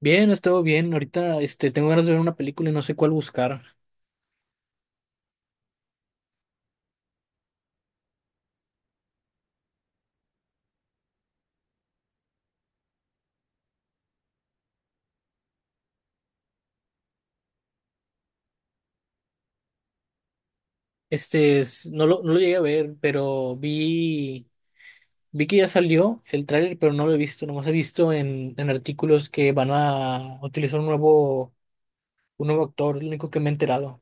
Bien, he estado bien. Ahorita, tengo ganas de ver una película y no sé cuál buscar. No lo llegué a ver, pero vi que ya salió el tráiler, pero no lo he visto. Nomás he visto en artículos que van a utilizar un nuevo actor, es lo único que me he enterado.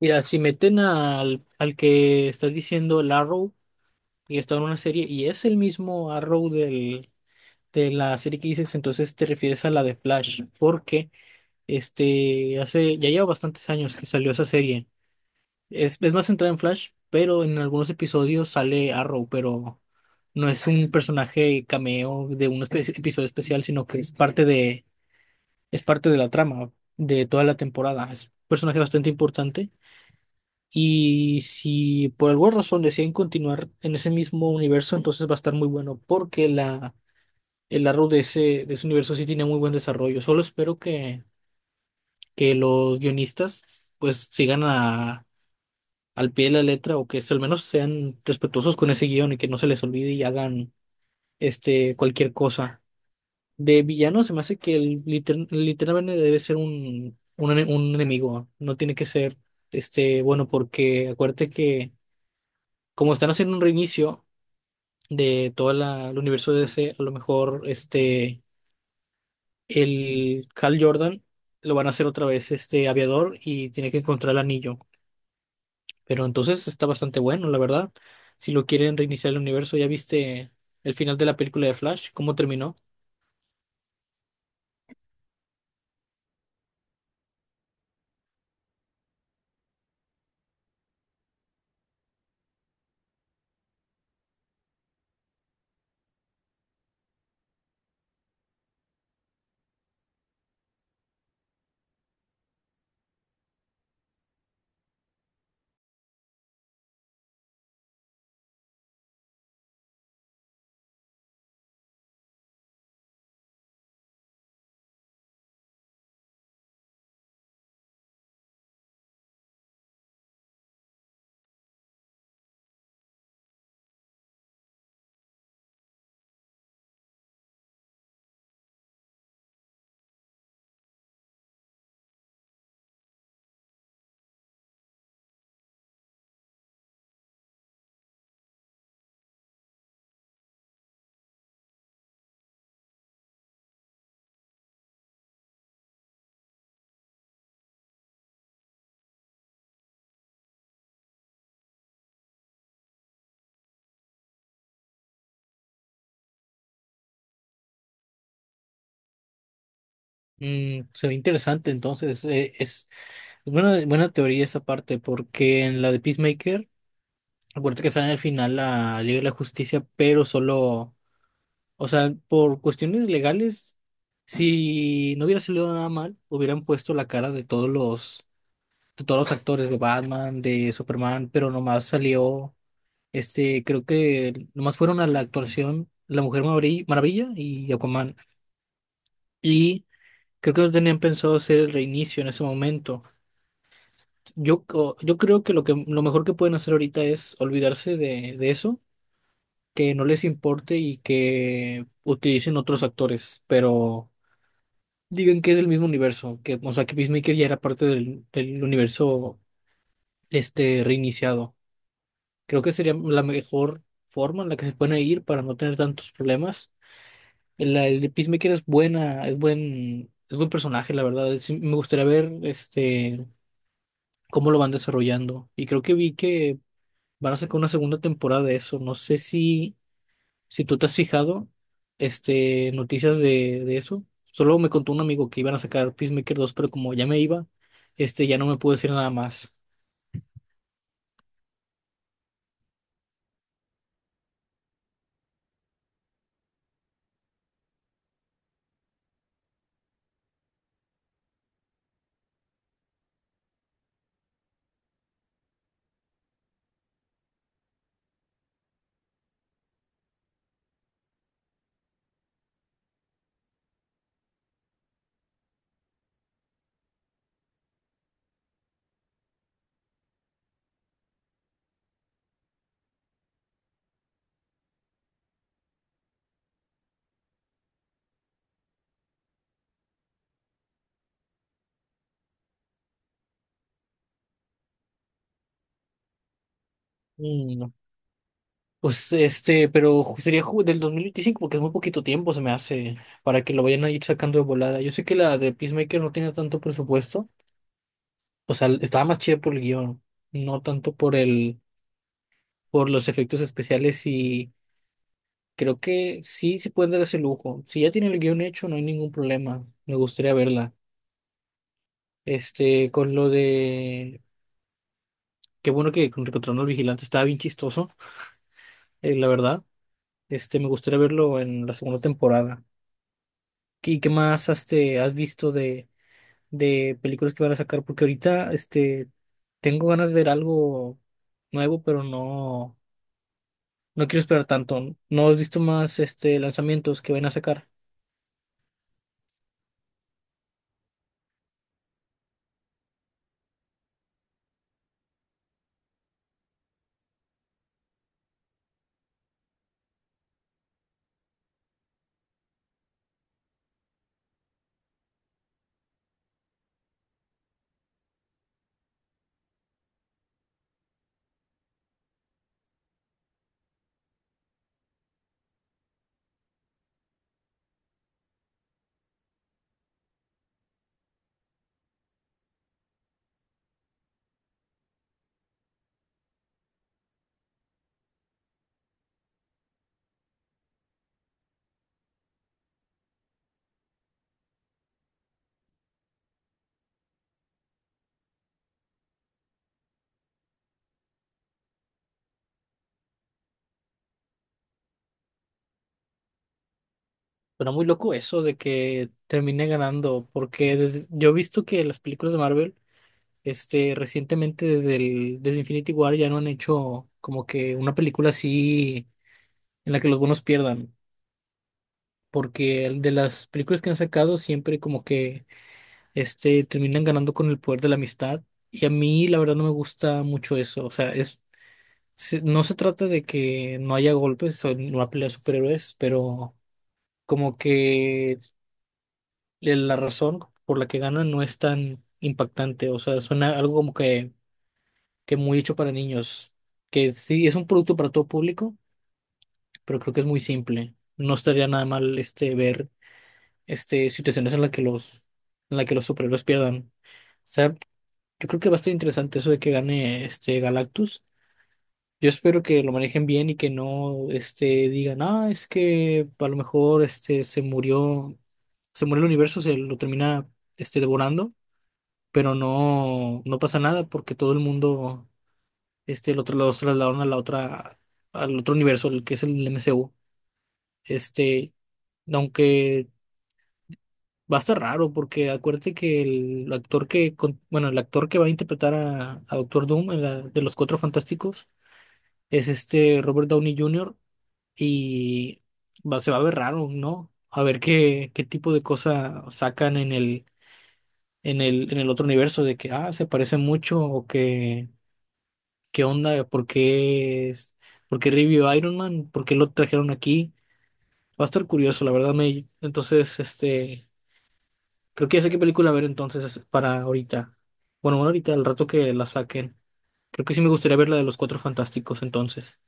Mira, si meten al que estás diciendo, el Arrow, y está en una serie, y es el mismo Arrow de la serie que dices, entonces te refieres a la de Flash, porque ya lleva bastantes años que salió esa serie. Es más centrada en Flash, pero en algunos episodios sale Arrow, pero no es un personaje cameo de un episodio especial, sino que es parte de la trama de toda la temporada. Es un personaje bastante importante. Y si por alguna razón deciden continuar en ese mismo universo, entonces va a estar muy bueno, porque el Arrow de ese universo sí tiene muy buen desarrollo. Solo espero que los guionistas pues sigan al pie de la letra o al menos sean respetuosos con ese guión y que no se les olvide y hagan cualquier cosa. De villano se me hace que el literalmente debe ser un enemigo, no tiene que ser bueno porque acuérdate que como están haciendo un reinicio de todo el universo de DC, a lo mejor el Hal Jordan lo van a hacer otra vez aviador y tiene que encontrar el anillo. Pero entonces está bastante bueno, la verdad. Si lo quieren reiniciar el universo, ¿ya viste el final de la película de Flash? ¿Cómo terminó? Se ve interesante, entonces es buena, buena teoría esa parte, porque en la de Peacemaker, acuérdate que sale en el final la Liga de la Justicia, pero solo, o sea, por cuestiones legales, si no hubiera salido nada mal, hubieran puesto la cara de de todos los actores de Batman, de Superman, pero nomás salió. Creo que nomás fueron a la actuación La Mujer Maravilla y Aquaman. Y creo que no tenían pensado hacer el reinicio en ese momento. Yo creo que lo mejor que pueden hacer ahorita es olvidarse de eso, que no les importe y que utilicen otros actores, pero digan que es el mismo universo, que, o sea, que Peacemaker ya era parte del universo reiniciado. Creo que sería la mejor forma en la que se pueden ir para no tener tantos problemas. El de Peacemaker es buen personaje, la verdad. Sí, me gustaría ver cómo lo van desarrollando. Y creo que vi que van a sacar una segunda temporada de eso. No sé si tú te has fijado, noticias de eso. Solo me contó un amigo que iban a sacar Peacemaker 2 pero como ya me iba, ya no me pude decir nada más. Mm, Pues pero sería del 2025 porque es muy poquito tiempo, se me hace, para que lo vayan a ir sacando de volada. Yo sé que la de Peacemaker no tiene tanto presupuesto, o sea, estaba más chida por el guión, no tanto por los efectos especiales y creo que sí se pueden dar ese lujo. Si ya tienen el guión hecho, no hay ningún problema. Me gustaría verla. Este, con lo de, Qué bueno que con Encontrando al Vigilante estaba bien chistoso, la verdad. Me gustaría verlo en la segunda temporada. ¿Y qué más has visto de películas que van a sacar? Porque ahorita tengo ganas de ver algo nuevo, pero no quiero esperar tanto. ¿No has visto más lanzamientos que van a sacar? Pero muy loco eso de que termine ganando, porque yo he visto que las películas de Marvel, recientemente desde Infinity War ya no han hecho como que una película así en la que los buenos pierdan, porque el de las películas que han sacado siempre como que terminan ganando con el poder de la amistad. Y a mí, la verdad, no me gusta mucho eso. O sea, no se trata de que no haya golpes o una pelea de superhéroes, pero como que la razón por la que ganan no es tan impactante. O sea, suena algo que muy hecho para niños. Que sí, es un producto para todo público, pero creo que es muy simple. No estaría nada mal ver situaciones en la que los superhéroes pierdan. O sea, yo creo que va a estar interesante eso de que gane Galactus. Yo espero que lo manejen bien y que no digan, ah, es que a lo mejor se murió el universo, se lo termina devorando, pero no pasa nada porque todo el mundo los trasladaron a al otro universo, el que es el MCU. Este, Aunque va a estar raro porque acuérdate que el actor que, con- bueno, el actor que va a interpretar a Doctor Doom, de los Cuatro Fantásticos, es Robert Downey Jr. y se va a ver raro, ¿no? A ver qué tipo de cosa sacan en el otro universo de que, ah, se parece mucho o que, qué onda, por qué revivió Iron Man, por qué lo trajeron aquí. Va a estar curioso, la verdad, entonces, creo que ya sé qué película ver entonces para ahorita. Bueno, bueno, ahorita, al rato que la saquen. Creo que sí me gustaría ver la de los Cuatro Fantásticos entonces.